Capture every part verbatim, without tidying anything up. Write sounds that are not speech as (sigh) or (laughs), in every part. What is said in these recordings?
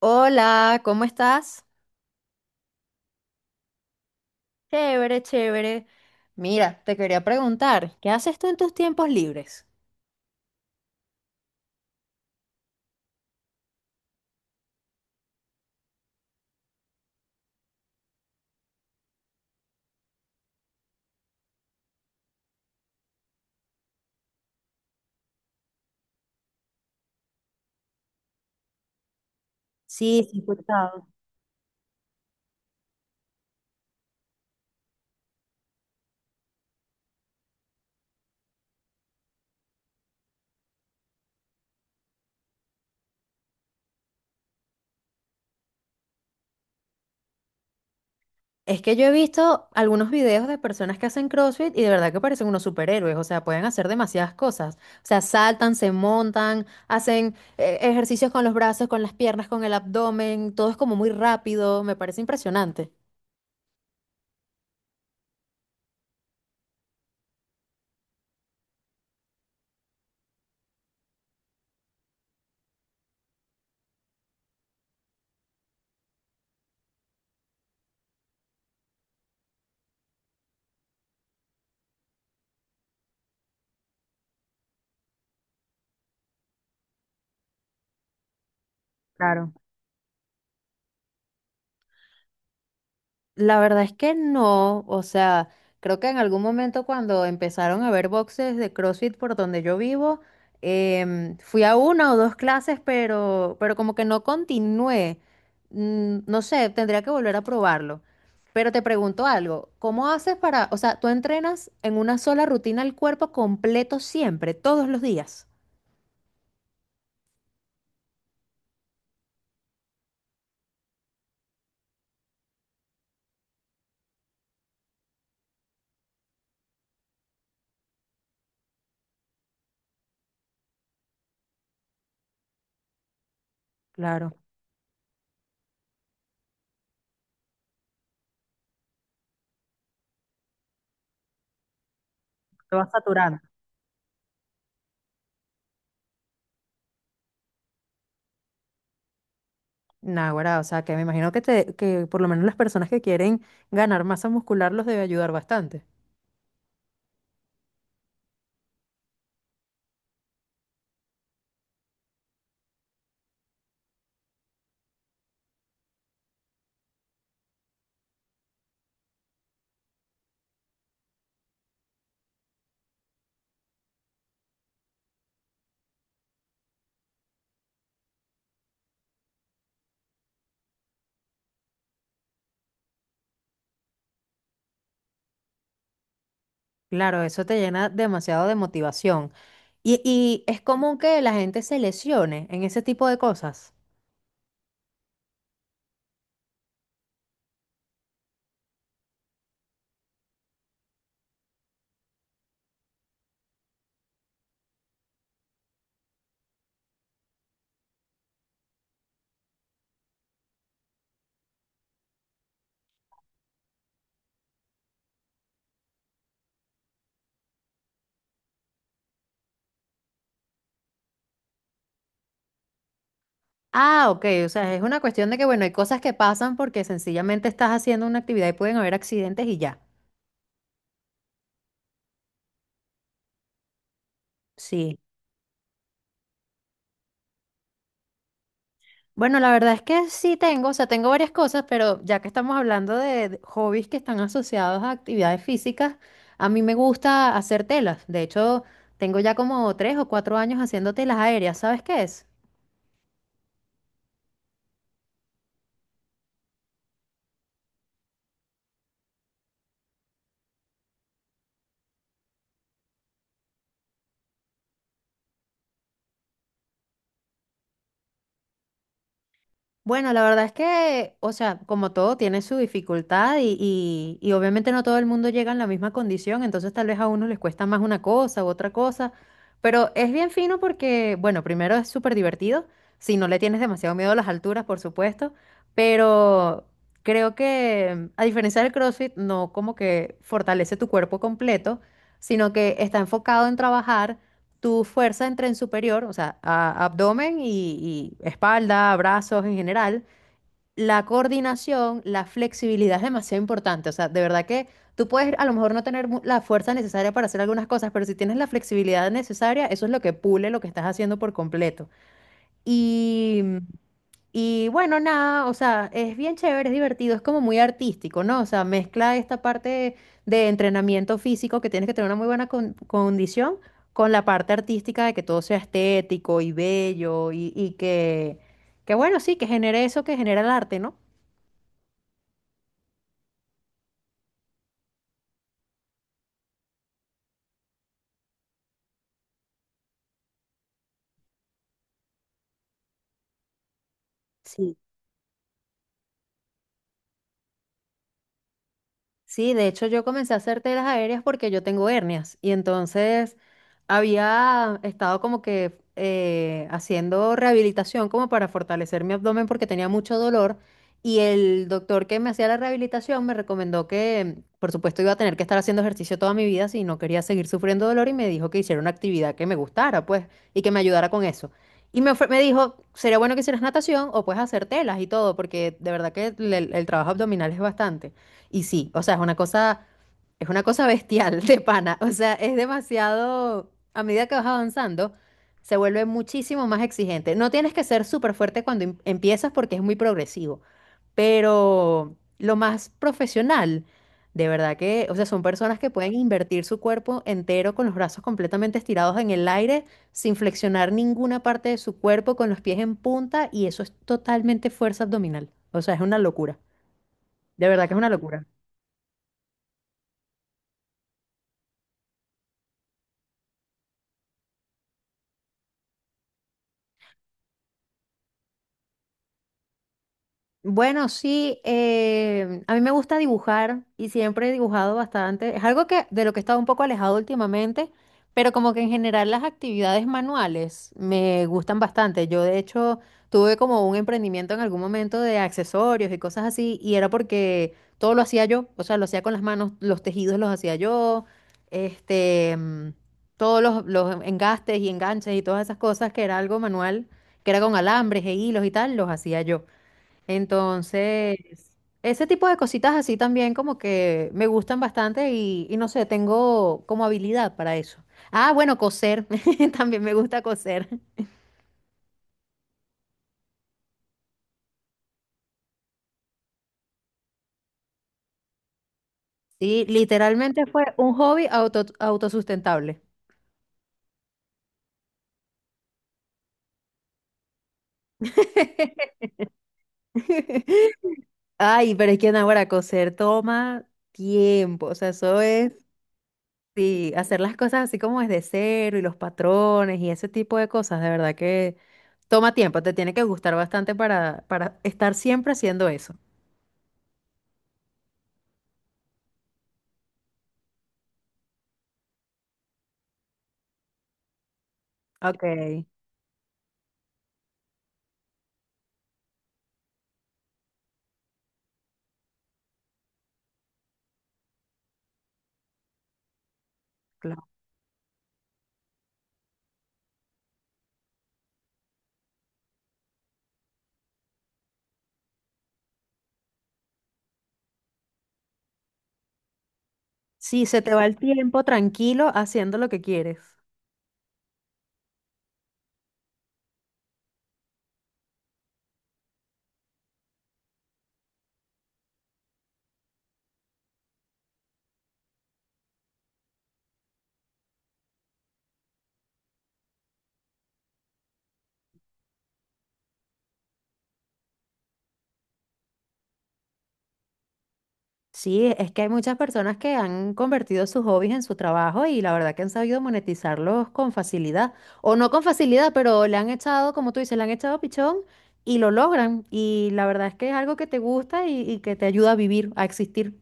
Hola, ¿cómo estás? Chévere, chévere. Mira, te quería preguntar, ¿qué haces tú en tus tiempos libres? Sí, sí, he escuchado. Es que yo he visto algunos videos de personas que hacen CrossFit y de verdad que parecen unos superhéroes, o sea, pueden hacer demasiadas cosas. O sea, saltan, se montan, hacen eh, ejercicios con los brazos, con las piernas, con el abdomen, todo es como muy rápido, me parece impresionante. Claro. La verdad es que no, o sea, creo que en algún momento cuando empezaron a haber boxes de CrossFit por donde yo vivo, em, fui a una o dos clases, pero, pero como que no continué. Mm, no sé, tendría que volver a probarlo. Pero te pregunto algo, ¿cómo haces para, o sea, tú entrenas en una sola rutina el cuerpo completo siempre, todos los días? Claro. Te vas saturando. Naguará, o sea, que me imagino que, te, que por lo menos las personas que quieren ganar masa muscular los debe ayudar bastante. Claro, eso te llena demasiado de motivación. Y, y es común que la gente se lesione en ese tipo de cosas. Ah, ok, o sea, es una cuestión de que, bueno, hay cosas que pasan porque sencillamente estás haciendo una actividad y pueden haber accidentes y ya. Sí. Bueno, la verdad es que sí tengo, o sea, tengo varias cosas, pero ya que estamos hablando de de hobbies que están asociados a actividades físicas, a mí me gusta hacer telas. De hecho, tengo ya como tres o cuatro años haciendo telas aéreas, ¿sabes qué es? Bueno, la verdad es que, o sea, como todo tiene su dificultad y, y, y obviamente no todo el mundo llega en la misma condición, entonces tal vez a unos les cuesta más una cosa u otra cosa, pero es bien fino porque, bueno, primero es súper divertido, si no le tienes demasiado miedo a las alturas, por supuesto, pero creo que a diferencia del CrossFit, no como que fortalece tu cuerpo completo, sino que está enfocado en trabajar tu fuerza en tren superior, o sea, a- abdomen y, y espalda, brazos en general, la coordinación, la flexibilidad es demasiado importante. O sea, de verdad que tú puedes a lo mejor no tener mu- la fuerza necesaria para hacer algunas cosas, pero si tienes la flexibilidad necesaria, eso es lo que pule lo que estás haciendo por completo. Y y bueno, nada, o sea, es bien chévere, es divertido, es como muy artístico, ¿no? O sea, mezcla esta parte de entrenamiento físico que tienes que tener una muy buena con- condición con la parte artística de que todo sea estético y bello y, y que, que bueno, sí, que genere eso que genera el arte, ¿no? Sí. Sí, de hecho yo comencé a hacer telas aéreas porque yo tengo hernias y entonces había estado como que eh, haciendo rehabilitación como para fortalecer mi abdomen porque tenía mucho dolor y el doctor que me hacía la rehabilitación me recomendó que por supuesto iba a tener que estar haciendo ejercicio toda mi vida si no quería seguir sufriendo dolor y me dijo que hiciera una actividad que me gustara pues y que me ayudara con eso. Y me, ofre- me dijo, sería bueno que hicieras natación o puedes hacer telas y todo porque de verdad que el el trabajo abdominal es bastante. Y sí, o sea, es una cosa, es una cosa bestial de pana. O sea, es demasiado, a medida que vas avanzando, se vuelve muchísimo más exigente. No tienes que ser súper fuerte cuando em- empiezas porque es muy progresivo, pero lo más profesional, de verdad que, o sea, son personas que pueden invertir su cuerpo entero con los brazos completamente estirados en el aire, sin flexionar ninguna parte de su cuerpo, con los pies en punta, y eso es totalmente fuerza abdominal. O sea, es una locura. De verdad que es una locura. Bueno, sí, eh, a mí me gusta dibujar y siempre he dibujado bastante. Es algo que de lo que he estado un poco alejado últimamente, pero como que en general las actividades manuales me gustan bastante. Yo de hecho tuve como un emprendimiento en algún momento de accesorios y cosas así y era porque todo lo hacía yo, o sea, lo hacía con las manos, los tejidos los hacía yo, este, mm, todos los, los engastes y enganches y todas esas cosas que era algo manual, que era con alambres e hilos y tal, los hacía yo. Entonces, ese tipo de cositas así también como que me gustan bastante y, y no sé, tengo como habilidad para eso. Ah, bueno, coser, (laughs) también me gusta coser. Sí, literalmente fue un hobby auto, autosustentable. (laughs) Ay, pero es que ahora coser toma tiempo, o sea, eso es. Sí, hacer las cosas así como desde cero y los patrones y ese tipo de cosas, de verdad que toma tiempo, te tiene que gustar bastante para, para estar siempre haciendo eso. Ok, claro. Sí, se te va el tiempo tranquilo haciendo lo que quieres. Sí, es que hay muchas personas que han convertido sus hobbies en su trabajo y la verdad que han sabido monetizarlos con facilidad, o no con facilidad, pero le han echado, como tú dices, le han echado pichón y lo logran. Y la verdad es que es algo que te gusta y, y que te ayuda a vivir, a existir.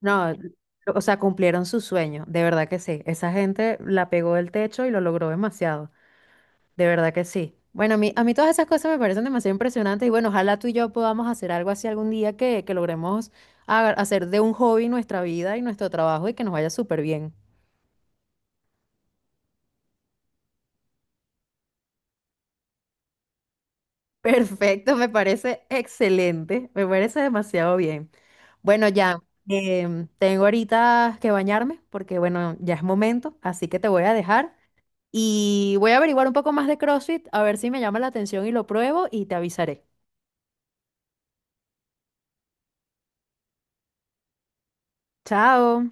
No, o sea, cumplieron su sueño, de verdad que sí. Esa gente la pegó del techo y lo logró demasiado, de verdad que sí. Bueno, a mí, a mí todas esas cosas me parecen demasiado impresionantes y bueno, ojalá tú y yo podamos hacer algo así algún día que, que logremos ha- hacer de un hobby nuestra vida y nuestro trabajo y que nos vaya súper bien. (laughs) Perfecto, me parece excelente, me parece demasiado bien. Bueno, ya, em, tengo ahorita que bañarme porque bueno, ya es momento, así que te voy a dejar. Y voy a averiguar un poco más de CrossFit, a ver si me llama la atención y lo pruebo y te avisaré. Chao.